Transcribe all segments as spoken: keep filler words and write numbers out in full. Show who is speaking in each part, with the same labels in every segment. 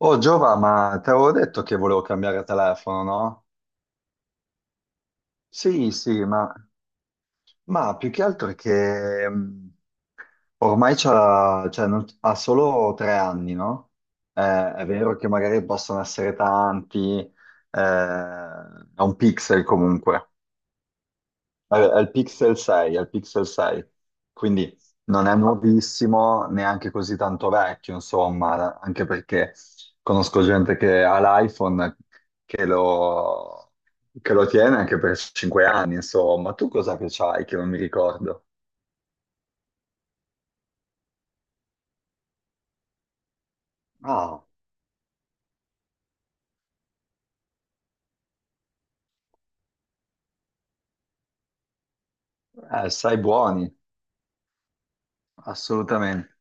Speaker 1: Oh Giova, ma te avevo detto che volevo cambiare telefono, no? Sì, sì, ma, ma più che altro è che mh, ormai c'ha, cioè, non- ha solo tre anni, no? Eh, è vero che magari possono essere tanti, eh, è un pixel comunque, al, al Pixel sei, al Pixel sei. Quindi non è nuovissimo, neanche così tanto vecchio, insomma, anche perché conosco gente che ha l'iPhone che lo, che lo tiene anche per cinque anni, insomma. Tu cos'è che c'hai che non mi ricordo? Ah, eh, sai buoni, assolutamente.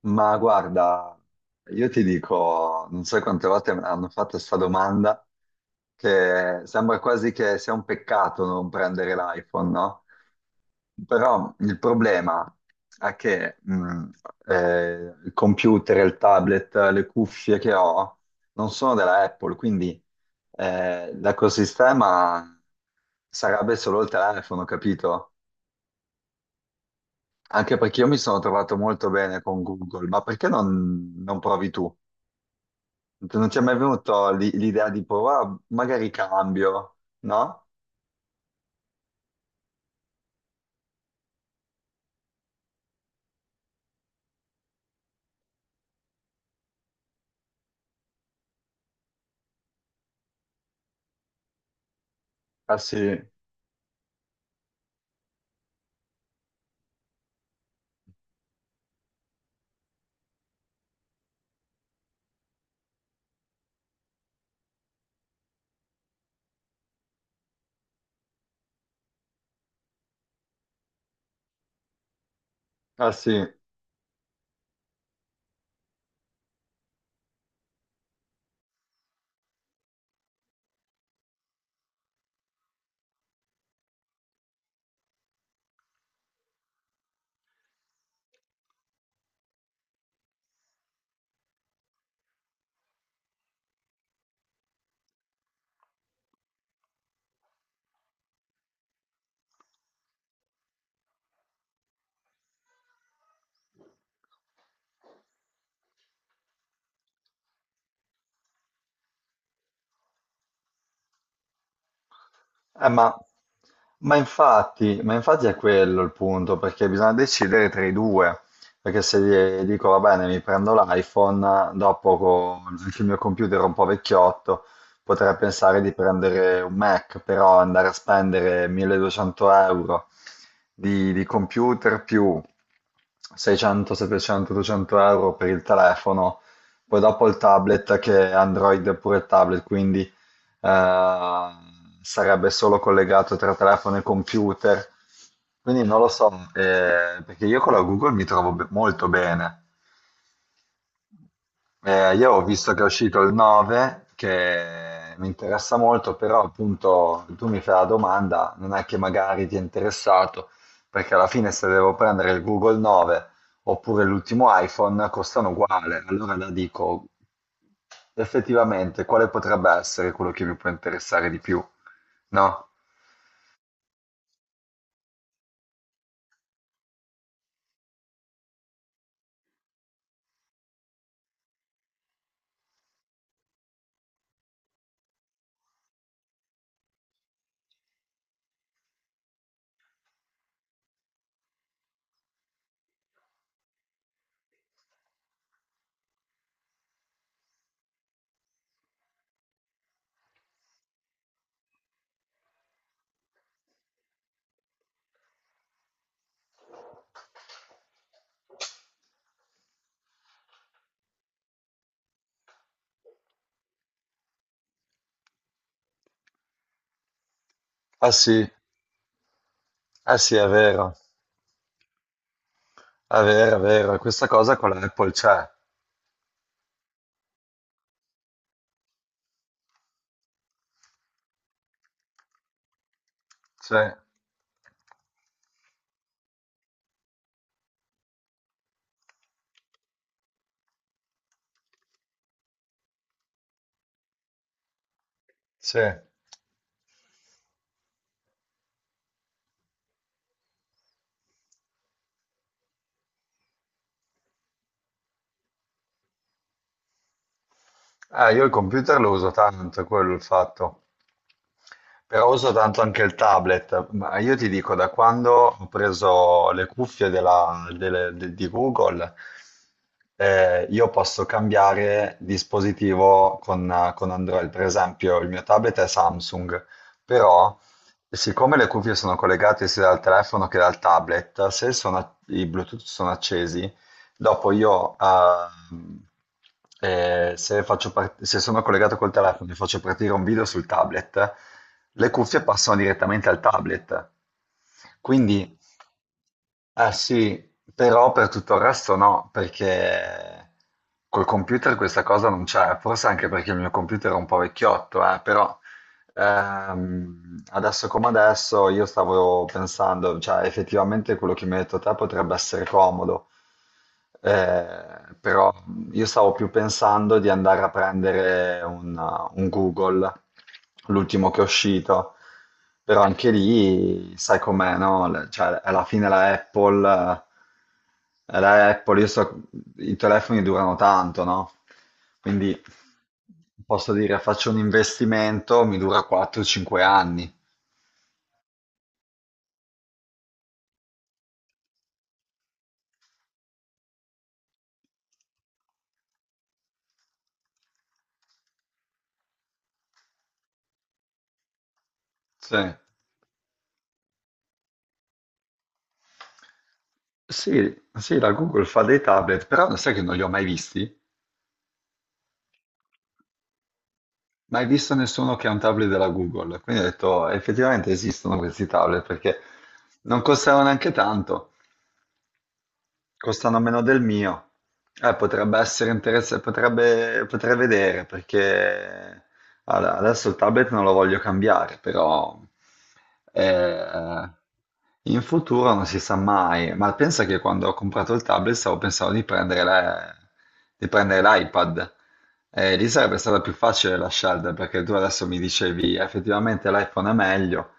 Speaker 1: Ma guarda, io ti dico, non so quante volte mi hanno fatto questa domanda, che sembra quasi che sia un peccato non prendere l'iPhone, no? Però il problema è che mh, eh, il computer, il tablet, le cuffie che ho non sono della Apple, quindi eh, l'ecosistema sarebbe solo il telefono, capito? Anche perché io mi sono trovato molto bene con Google, ma perché non non provi tu? Non ti è mai venuto l'i- l'idea di provare, magari cambio, no? Ah sì, ah sì. Eh, ma, ma infatti, ma infatti è quello il punto, perché bisogna decidere tra i due, perché se gli dico va bene, mi prendo l'iPhone, dopo con il mio computer un po' vecchiotto, potrei pensare di prendere un Mac, però andare a spendere milleduecento euro di, di computer più seicento, settecento, ottocento euro per il telefono, poi dopo il tablet che è Android è pure il tablet, quindi eh, sarebbe solo collegato tra telefono e computer. Quindi non lo so, eh, perché io con la Google mi trovo be- molto bene. Eh, io ho visto che è uscito il nove, che mi interessa molto, però appunto tu mi fai la domanda, non è che magari ti è interessato, perché alla fine se devo prendere il Google nove oppure l'ultimo iPhone costano uguale, allora la dico effettivamente quale potrebbe essere quello che mi può interessare di più, no? Ah sì, ah sì, è vero, è vero, è vero, questa cosa con l'Apple c'è, c'è, c'è. Eh, io il computer lo uso tanto, è quello è il fatto. Però uso tanto anche il tablet, ma io ti dico, da quando ho preso le cuffie della- delle- de- di Google, eh, io posso cambiare dispositivo con, eh, con Android. Per esempio, il mio tablet è Samsung, però siccome le cuffie sono collegate sia dal telefono che dal tablet, se sono- i Bluetooth sono accesi, dopo io, ehm, eh, se faccio part- se sono collegato col telefono e faccio partire un video sul tablet, le cuffie passano direttamente al tablet. Quindi, eh sì, però per tutto il resto no, perché col computer questa cosa non c'è, forse anche perché il mio computer è un po' vecchiotto, eh, però Ehm, adesso come adesso io stavo pensando, cioè effettivamente quello che mi hai detto te potrebbe essere comodo, Eh, però io stavo più pensando di andare a prendere un, un Google, l'ultimo che è uscito, però anche lì sai com'è, no? Le- Cioè alla fine la Apple. Eh, la Apple, io so, i telefoni durano tanto, no? Quindi posso dire, faccio un investimento, mi dura quattro o cinque anni. Sì. Sì, sì, la Google fa dei tablet, però sai che non li ho mai visti? Mai visto nessuno che ha un tablet della Google. Quindi ho detto, "Oh, effettivamente esistono questi tablet perché non costano neanche tanto. Costano meno del mio." Eh, potrebbe essere interessante, potrebbe, potrei vedere perché allora, adesso il tablet non lo voglio cambiare, però eh, eh, in futuro non si sa mai. Ma pensa che quando ho comprato il tablet stavo pensando di prendere la- di prendere l'iPad. Eh, lì sarebbe stata più facile la scelta perché tu adesso mi dicevi effettivamente l'iPhone è meglio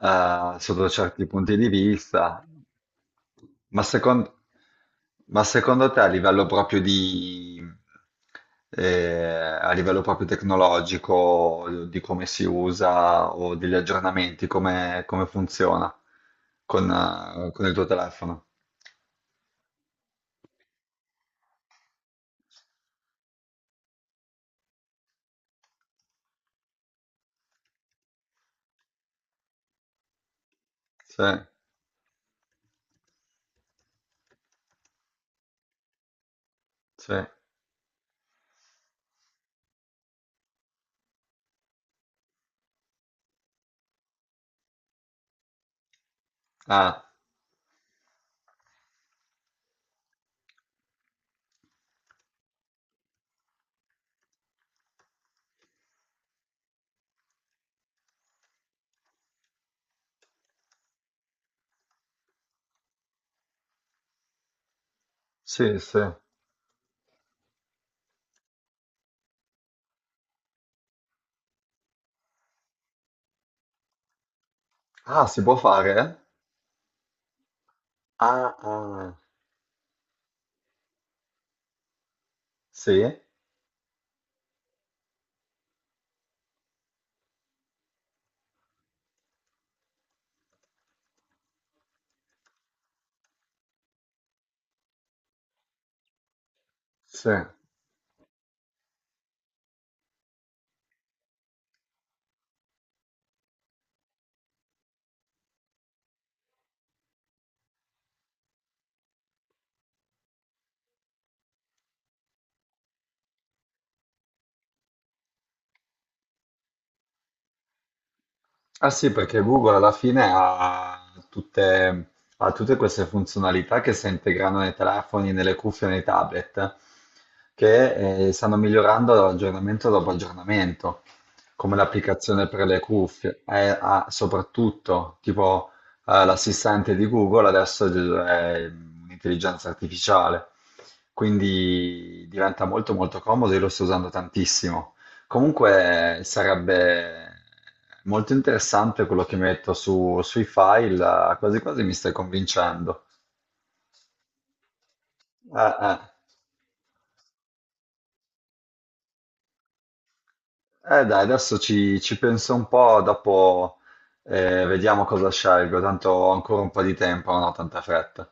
Speaker 1: eh, sotto certi punti di vista. Ma secondo, ma secondo te a livello proprio di, eh, a livello proprio tecnologico, di come si usa o degli aggiornamenti, come, come funziona con, eh, con il tuo telefono? Sì, sì. Ah, sì, sì. Ah, si può fare? Ah, ah. Sì, sì. Ah sì, perché Google alla fine ha tutte, ha tutte queste funzionalità che si integrano nei telefoni, nelle cuffie, nei tablet, che eh, stanno migliorando aggiornamento dopo aggiornamento, come l'applicazione per le cuffie, eh, ah, soprattutto tipo eh, l'assistente di Google adesso è un'intelligenza artificiale, quindi diventa molto molto comodo, io lo sto usando tantissimo. Comunque sarebbe molto interessante quello che mi hai detto su- sui file, eh, quasi quasi mi stai convincendo. Eh, eh. Eh, dai, adesso ci, ci penso un po', dopo eh, vediamo cosa scelgo, tanto ho ancora un po' di tempo, non ho tanta fretta.